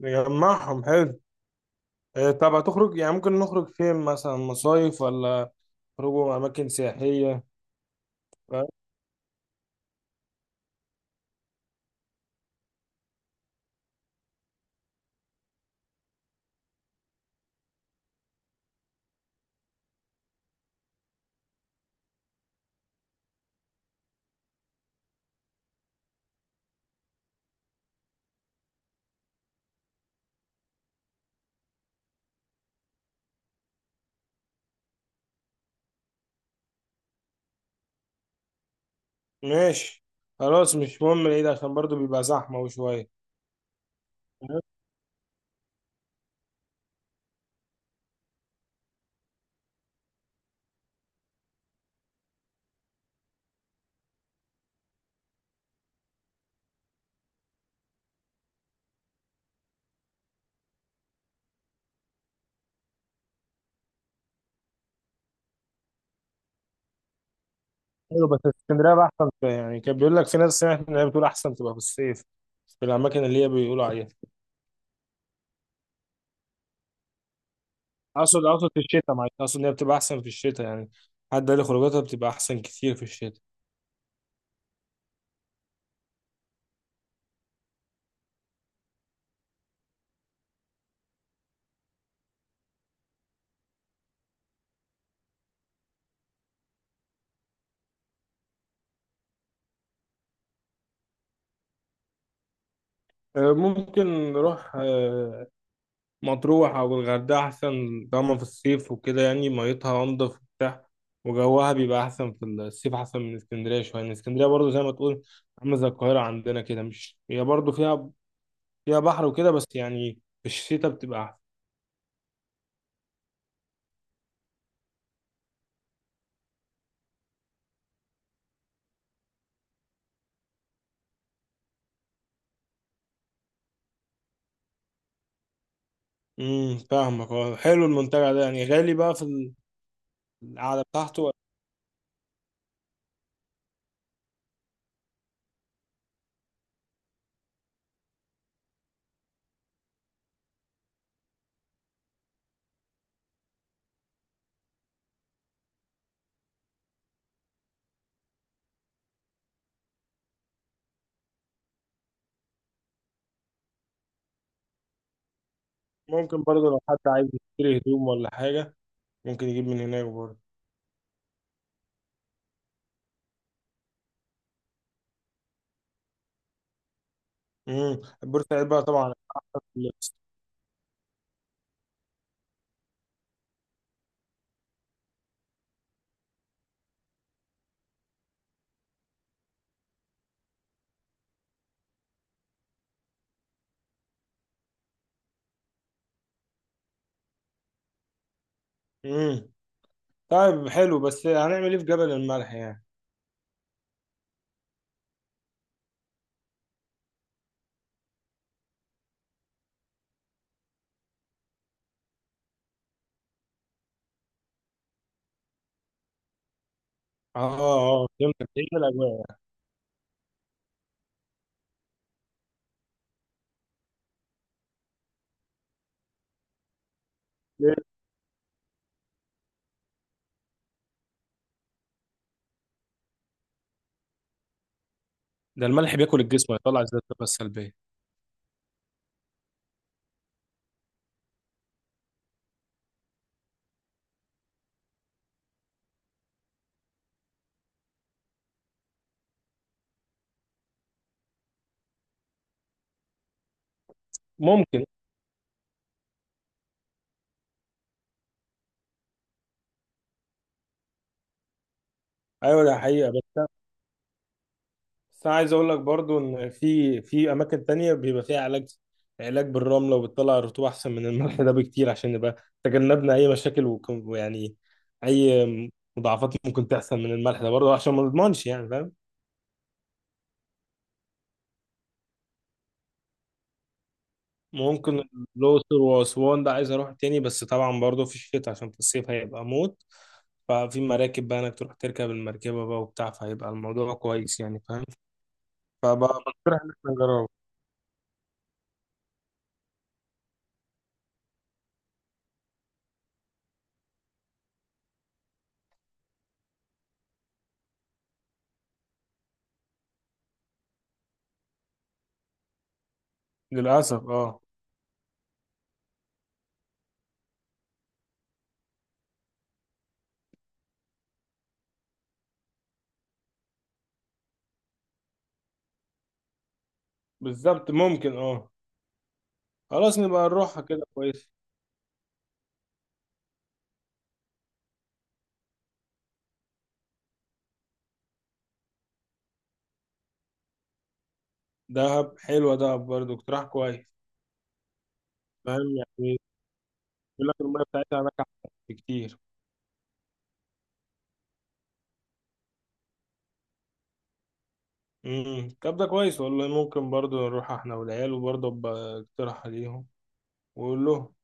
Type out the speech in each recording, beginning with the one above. نجمعهم حلو. إيه، طب هتخرج؟ يعني ممكن نخرج فين مثلا؟ مصايف ولا خروجوا أماكن سياحية؟ فاهم؟ ماشي. خلاص مش مهم العيد عشان برضو بيبقى زحمة وشوية. حلو، بس اسكندرية بقى أحسن شوية. يعني كان بيقول لك في ناس سمعت إن هي بتقول أحسن تبقى في الصيف، في الأماكن اللي هي بيقولوا عليها. أقصد في الشتاء، معلش، أقصد إن هي بتبقى أحسن في الشتاء يعني. حد قال لي خروجاتها بتبقى أحسن كتير في الشتاء. ممكن نروح مطروح أو الغردقة أحسن. طالما في الصيف وكده يعني ميتها أنضف وبتاع، وجوها بيبقى أحسن في الصيف، أحسن من اسكندرية شوية. يعني اسكندرية برضه زي ما تقول عاملة زي القاهرة عندنا كده، مش هي برضه فيها بحر وكده، بس يعني في الشتاء بتبقى أحسن. فاهمك، اه. حلو المنتجع ده، يعني غالي بقى في القعدة بتاعته؟ ممكن برضه لو حد عايز يشتري هدوم ولا حاجة ممكن يجيب من هناك برضه. بورسعيد بقى طبعا أحسن في اللبس. امم طيب حلو، بس هنعمل ايه في جبل الملح يعني؟ اه اه، فهمتك، هي دي الاجواء. ده الملح بياكل الجسم ويطلع زي الطاقه السلبيه. ممكن. ايوه ده حقيقه، بس أنا عايز اقول لك برضو ان في اماكن تانية بيبقى فيها علاج، علاج بالرمله وبتطلع الرطوبه احسن من الملح ده بكتير، عشان نبقى تجنبنا اي مشاكل ويعني اي مضاعفات ممكن تحصل من الملح ده برضو، عشان ما نضمنش يعني، فاهم. ممكن. الأقصر وأسوان ده عايز أروح تاني، بس طبعا برضه في الشتاء عشان في الصيف هيبقى موت. ففي مراكب بقى إنك تروح تركب المركبة بقى وبتاع، فهيبقى الموضوع كويس يعني، فاهم؟ فبقى بقترح إن إحنا نجربه. للأسف أه. بالظبط، ممكن أه. خلاص نبقى نروحها كده كويس. دهب حلوة، دهب برضه اقتراح كويس. فاهم يعني، يقول لك المية بتاعتها هناك أحسن بكتير. طب ده كويس والله، ممكن برضه نروح إحنا والعيال، وبرضه أبقى اقتراح عليهم وأقول لهم.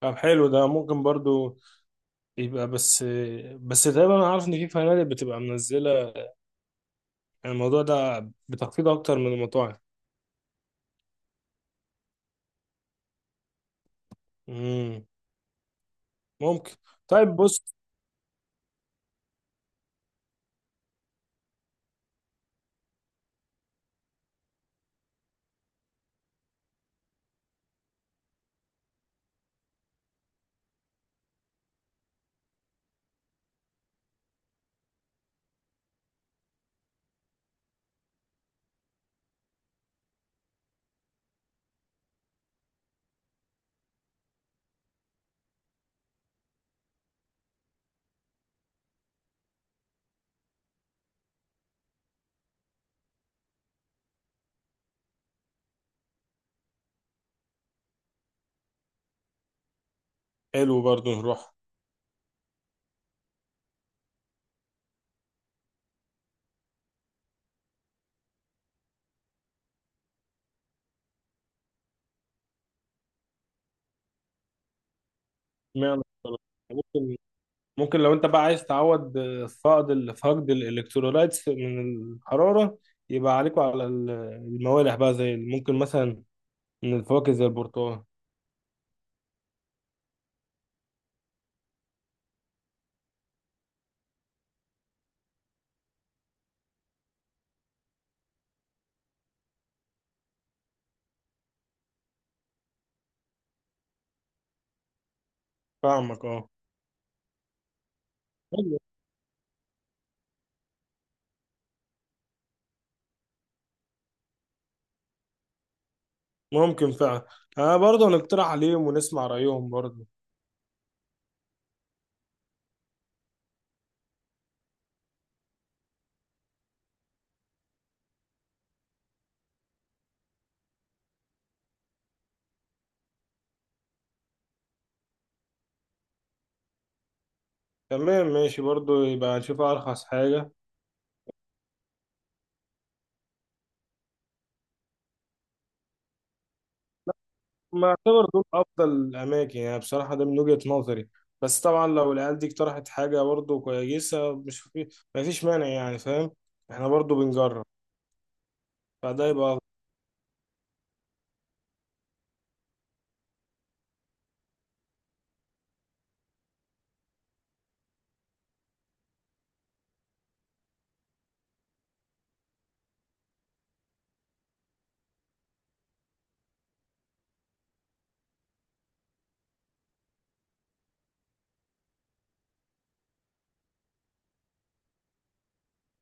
طب حلو ده ممكن برضه. يبقى بس بس تقريبا انا عارف ان في فنادق بتبقى منزله، يعني الموضوع ده بتخفيض اكتر من المطاعم. امم. ممكن. طيب بص. حلو برضو نروح. اشمعنى السلطة؟ ممكن. ممكن لو انت بقى عايز تعوض فقد الالكترولايتس من الحراره، يبقى الموالح بقى، زي ممكن مثلا من الفواكه زي البرتقال. فاهمك اه. حلو. ممكن فعلا. انا برضه هنقترح عليهم ونسمع رايهم برضه. تمام، ماشي، برضه يبقى نشوف ارخص حاجه. ما اعتبر دول افضل الاماكن يعني بصراحه، ده من وجهه نظري، بس طبعا لو العيال دي اقترحت حاجه برضه كويسه، مش في ما فيش مانع يعني، فاهم، احنا برضه بنجرب. فده يبقى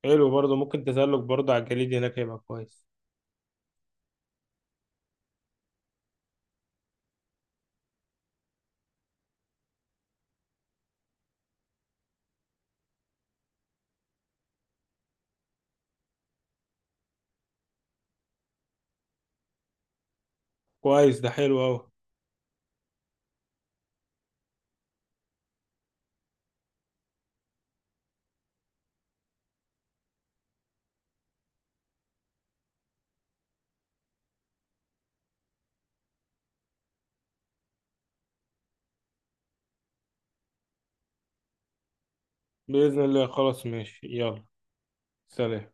حلو برضه. ممكن تزلج برضه على الجليد هناك، يبقى كويس. كويس ده، حلو قوي. باذن الله. خلاص ماشي. يلا سلام.